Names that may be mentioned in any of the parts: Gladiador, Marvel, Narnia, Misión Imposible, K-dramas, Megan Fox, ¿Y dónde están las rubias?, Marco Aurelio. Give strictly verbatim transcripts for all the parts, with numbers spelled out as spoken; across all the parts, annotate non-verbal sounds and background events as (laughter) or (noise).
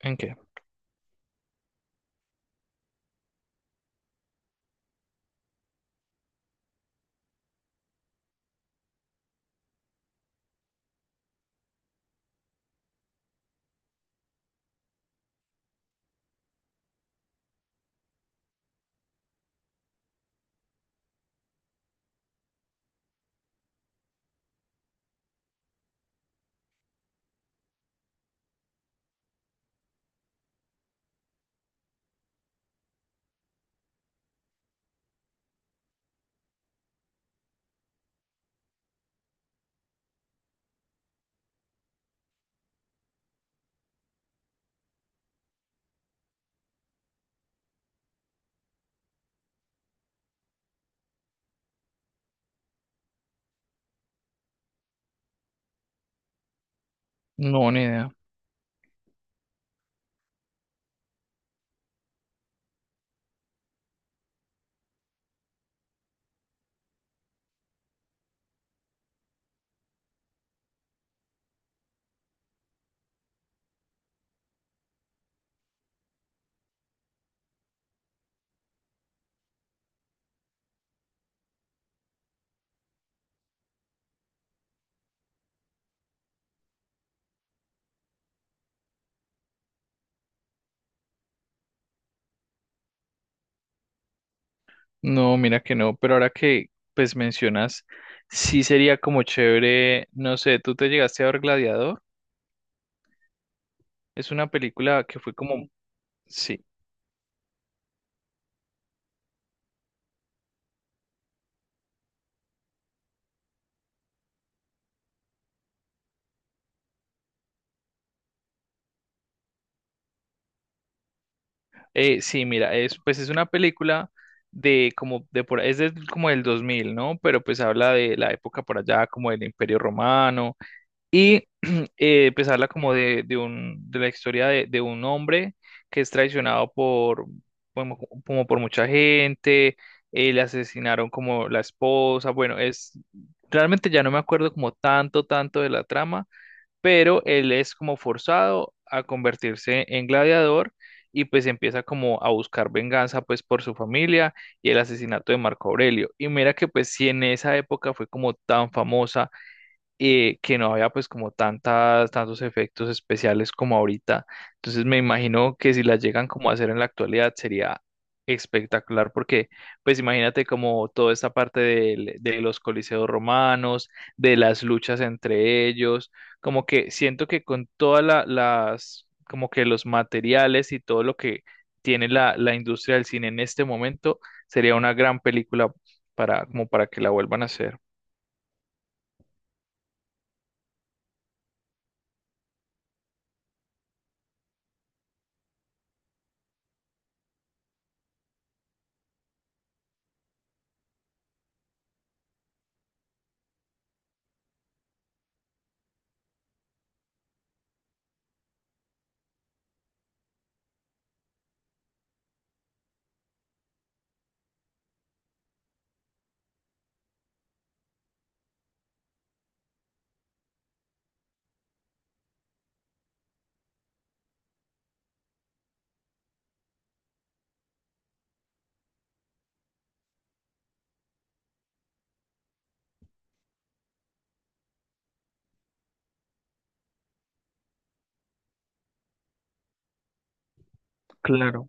¿En qué? No, ni idea. No, mira que no. Pero ahora que pues mencionas, sí sería como chévere, no sé, ¿tú te llegaste a ver Gladiador? Es una película que fue como, sí, eh, sí, mira, es pues es una película de como de por es de, como del dos mil, ¿no? Pero pues habla de la época por allá como del Imperio Romano. Y (clears throat) eh, pues habla como de, de un, de la historia de, de un hombre que es traicionado por, bueno, como, como por mucha gente. Eh, le asesinaron como la esposa, bueno, es, realmente ya no me acuerdo como tanto, tanto de la trama, pero él es como forzado a convertirse en gladiador y pues empieza como a buscar venganza pues por su familia y el asesinato de Marco Aurelio. Y mira que pues si en esa época fue como tan famosa, eh, que no había pues como tantas, tantos efectos especiales como ahorita. Entonces me imagino que si las llegan como a hacer en la actualidad sería espectacular, porque pues imagínate como toda esta parte del- de los coliseos romanos, de las luchas entre ellos, como que siento que con todas la- las, como que los materiales y todo lo que tiene la, la industria del cine en este momento, sería una gran película para, como para que la vuelvan a hacer. Claro.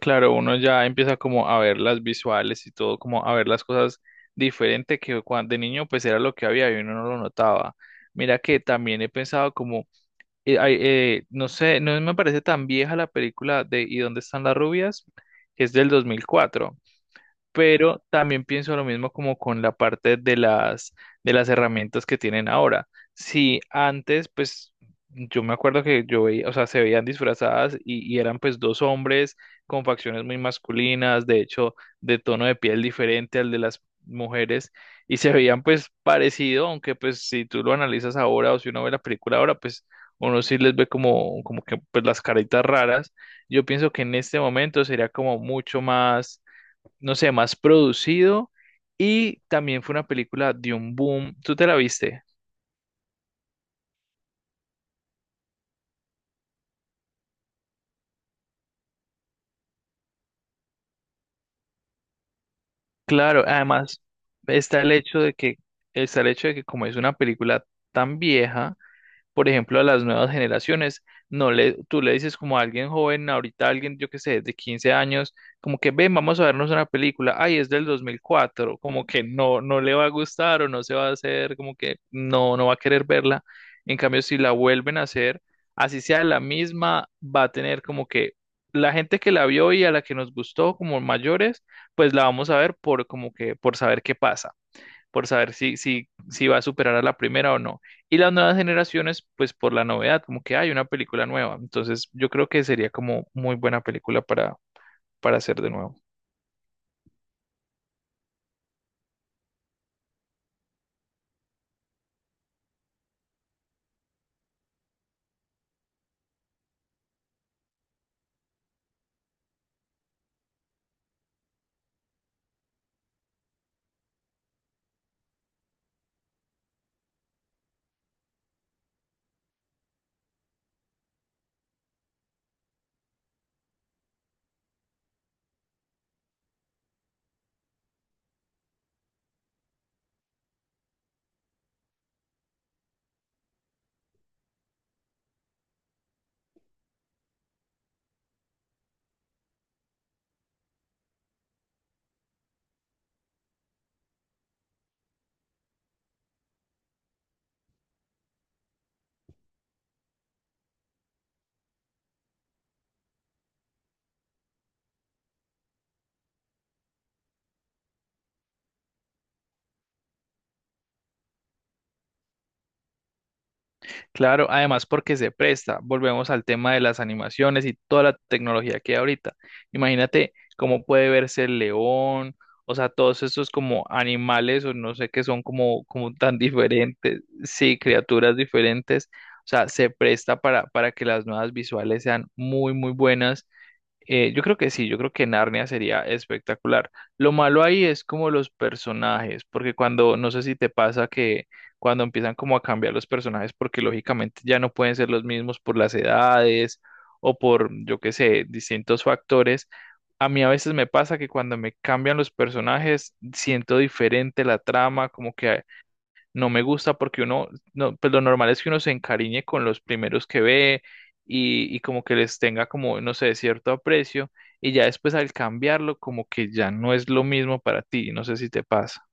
Claro, uno ya empieza como a ver las visuales y todo, como a ver las cosas diferente que cuando de niño pues era lo que había y uno no lo notaba. Mira que también he pensado como, eh, ay, eh, no sé, no me parece tan vieja la película de ¿Y dónde están las rubias?, que es del dos mil cuatro, pero también pienso lo mismo como con la parte de las, de las herramientas que tienen ahora. Si antes, pues yo me acuerdo que yo veía, o sea, se veían disfrazadas y, y eran pues dos hombres con facciones muy masculinas, de hecho, de tono de piel diferente al de las mujeres, y se veían pues parecido, aunque pues si tú lo analizas ahora o si uno ve la película ahora, pues uno sí les ve como como que pues las caritas raras. Yo pienso que en este momento sería como mucho más, no sé, más producido, y también fue una película de un boom. ¿Tú te la viste? Claro, además está el hecho de que está el hecho de que como es una película tan vieja, por ejemplo, a las nuevas generaciones. No le, Tú le dices como a alguien joven, ahorita alguien, yo qué sé, de quince años, como que ven, vamos a vernos una película, ay, es del dos mil cuatro, como que no, no le va a gustar o no se va a hacer, como que no, no va a querer verla. En cambio, si la vuelven a hacer, así sea la misma, va a tener como que la gente que la vio y a la que nos gustó como mayores, pues la vamos a ver por como que por saber qué pasa, por saber si, si, si va a superar a la primera o no. Y las nuevas generaciones, pues por la novedad, como que hay una película nueva. Entonces, yo creo que sería como muy buena película para, para hacer de nuevo. Claro, además porque se presta. Volvemos al tema de las animaciones y toda la tecnología que hay ahorita. Imagínate cómo puede verse el león, o sea, todos estos como animales o no sé qué son como, como tan diferentes, sí, criaturas diferentes. O sea, se presta para, para que las nuevas visuales sean muy, muy buenas. Eh, yo creo que sí, yo creo que Narnia sería espectacular. Lo malo ahí es como los personajes, porque cuando, no sé si te pasa que cuando empiezan como a cambiar los personajes, porque lógicamente ya no pueden ser los mismos por las edades o por, yo qué sé, distintos factores. A mí a veces me pasa que cuando me cambian los personajes, siento diferente la trama, como que no me gusta porque uno, no, pues lo normal es que uno se encariñe con los primeros que ve y, y como que les tenga como, no sé, cierto aprecio, y ya después al cambiarlo como que ya no es lo mismo para ti, no sé si te pasa.